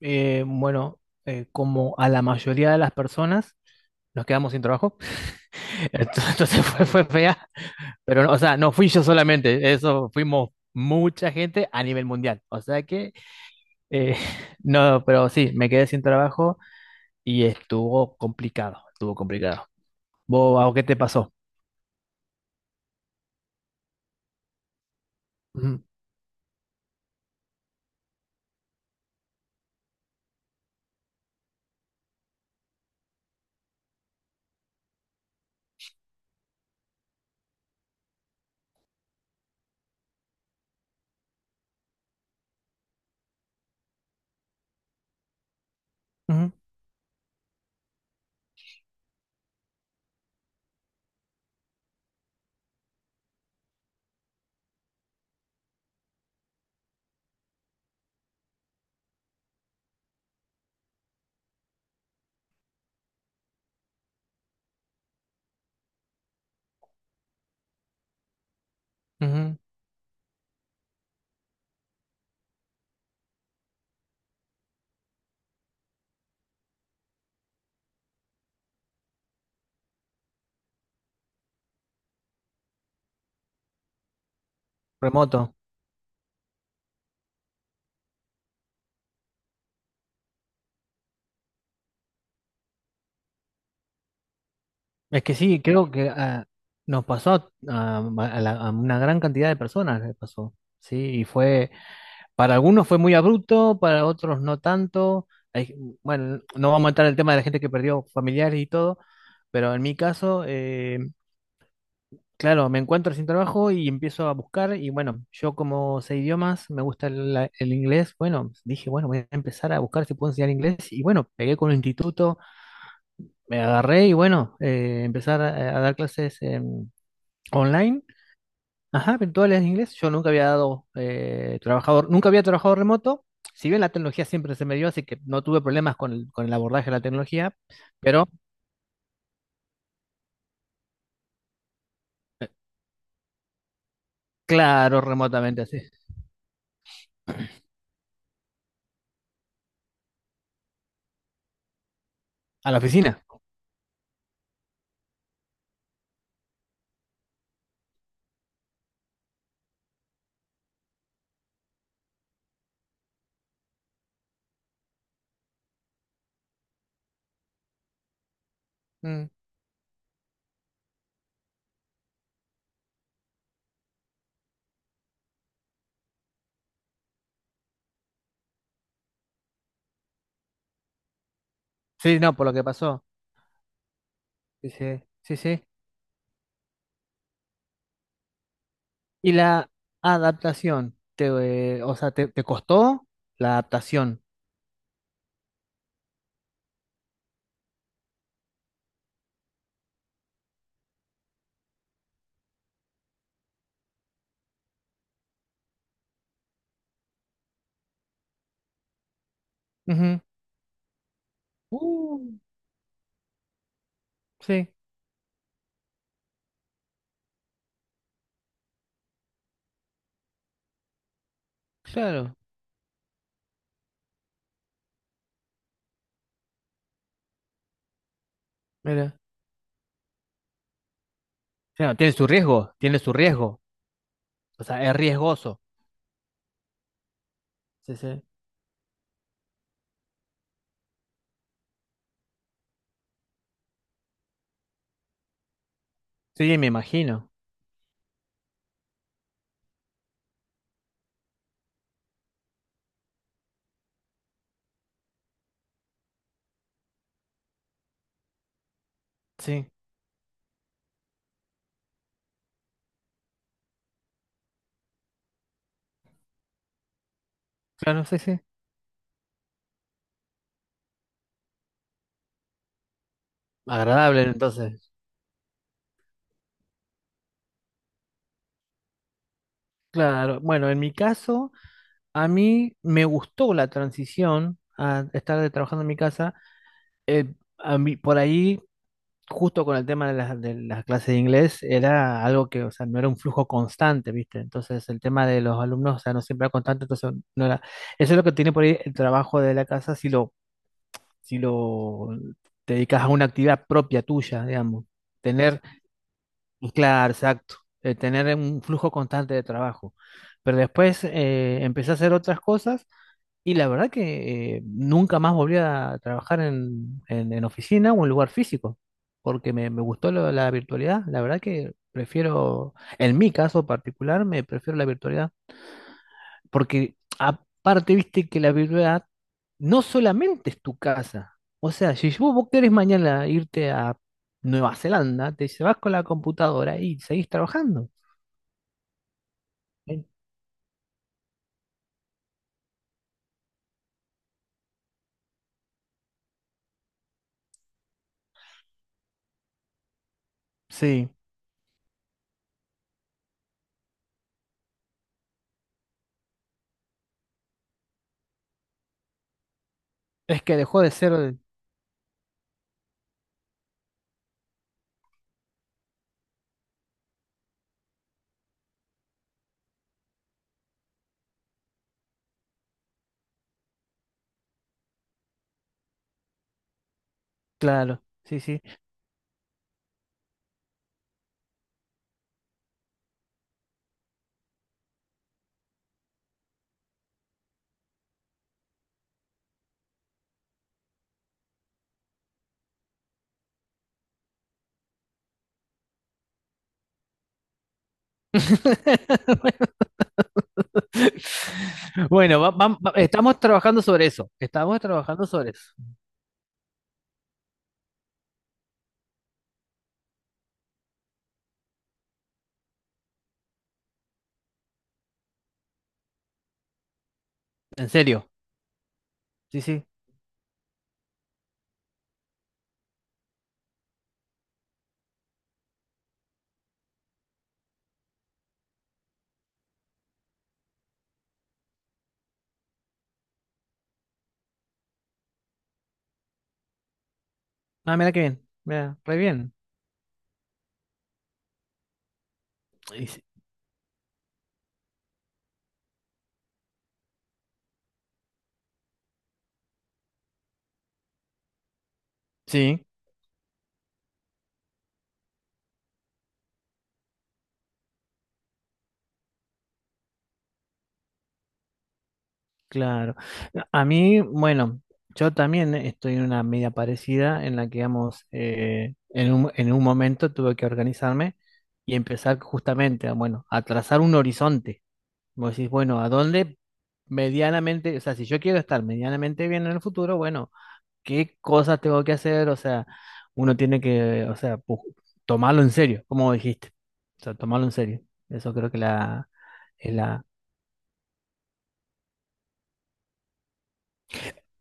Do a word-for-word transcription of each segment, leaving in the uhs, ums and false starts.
Eh, bueno, eh, como a la mayoría de las personas, nos quedamos sin trabajo. Entonces entonces fue, fue fea. Pero, no, o sea, no fui yo solamente, eso fuimos mucha gente a nivel mundial. O sea que, eh, no, pero sí, me quedé sin trabajo y estuvo complicado, estuvo complicado. ¿Vos, Bao, qué te pasó? Ujú, ujú, ujú, remoto. Es que sí, creo que ah, nos pasó a, a- a la- a una gran cantidad de personas, le pasó. Sí, y fue. Para algunos fue muy abrupto, para otros no tanto. Hay- bueno, no vamos a entrar en el tema de la gente que perdió familiares y todo, pero en mi caso, eh, claro, me encuentro sin trabajo y empiezo a buscar y bueno, yo como sé idiomas, me gusta el, la- el inglés, bueno, dije, bueno, voy a empezar a buscar si puedo enseñar inglés y bueno, pegué con un instituto, me agarré y bueno, eh, empezar a, a dar clases em, online. Ajá, virtuales en inglés. Yo nunca había dado eh, trabajador, nunca había trabajado remoto. Si bien la tecnología siempre se me dio, así que no tuve problemas con el, con el abordaje de la tecnología, pero eh, claro, remotamente así. A la oficina. Mm, sí, no, por lo que pasó. Sí, sí, sí, sí. ¿Y la adaptación? Te, eh, o sea, te, te costó la adaptación? Ujú. Uh, sí, claro. Mira. Claro, tiene su riesgo, tiene su riesgo. O sea, es riesgoso. Sí, sí. Sí, me imagino. Sí. Claro, sí, sí. Agradable, entonces. Claro, bueno, en mi caso, a mí me gustó la transición a estar de- trabajando en mi casa. Eh, a mí, por ahí, justo con el tema de las de las clases de inglés, era algo que, o sea, no era un flujo constante, ¿viste? Entonces, el tema de los alumnos, o sea, no siempre era constante, entonces no era. Eso es lo que tiene por ahí el trabajo de la casa si lo, si lo te dedicas a una actividad propia tuya, digamos. Tener claro, exacto, eh, tener un flujo constante de trabajo. Pero después eh, empecé a hacer otras cosas y la verdad que eh, nunca más volví a trabajar en, en- en oficina o en lugar físico, porque me, me gustó lo- la virtualidad. La verdad que prefiero, en mi caso particular, me prefiero la virtualidad. Porque aparte, viste que la verdad no solamente es tu casa. O sea, si vos, vos querés mañana irte a Nueva Zelanda, te dice, vas con la computadora y seguís trabajando. Eh, Sí, es que dejó de ser, claro, sí, sí. Bueno, va- va- va- estamos trabajando sobre eso, estamos trabajando sobre eso, en serio, sí, sí. Ah, mira qué bien, mira, re bien. Y sí, sí. Claro. A mí, bueno, yo también estoy en una media parecida en la que, digamos, eh, en un, en un momento tuve que organizarme y empezar justamente, a, bueno, a trazar un horizonte. Vos decís, bueno, ¿a dónde medianamente, o sea, si yo quiero estar medianamente bien en el futuro, bueno, ¿qué cosas tengo que hacer? O sea, uno tiene que, o sea, pu- tomarlo en serio, como dijiste. O sea, tomarlo en serio. Eso creo que la,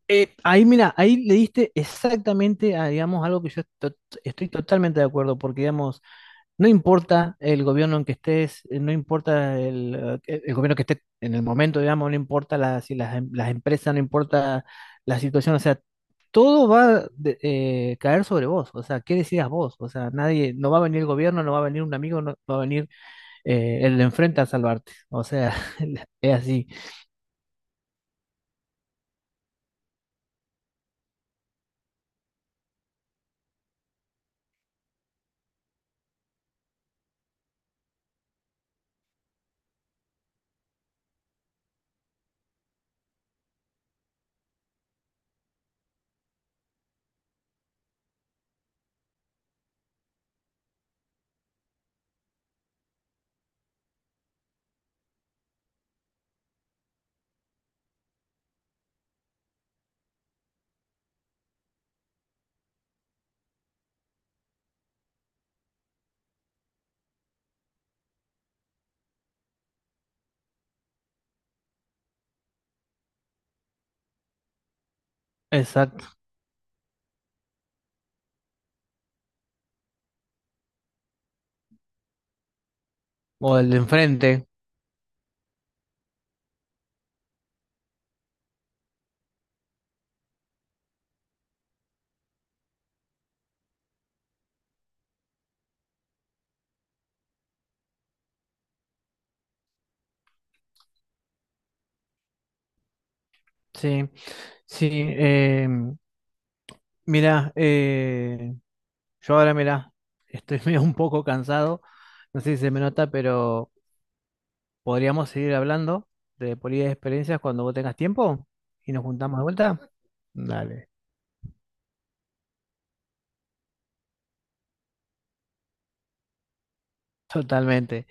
eh, ahí, mira, ahí le diste exactamente a, digamos, algo que yo to- estoy totalmente de acuerdo, porque, digamos, no importa el gobierno en que estés, eh, no importa el, eh, el gobierno que esté en el momento, digamos, no importa la- si las, em- las empresas, no importa la situación, o sea, todo va a caer sobre vos, o sea, ¿qué decidas vos? O sea, nadie, no va a venir el gobierno, no va a venir un amigo, no va a venir eh, el de enfrente a salvarte, o sea, es así, exacto, o el de enfrente, sí. Sí, eh, mirá, eh, yo ahora mirá, estoy medio un poco cansado, no sé si se me nota, pero podríamos seguir hablando de política de experiencias cuando vos tengas tiempo y nos juntamos de vuelta. Dale, totalmente.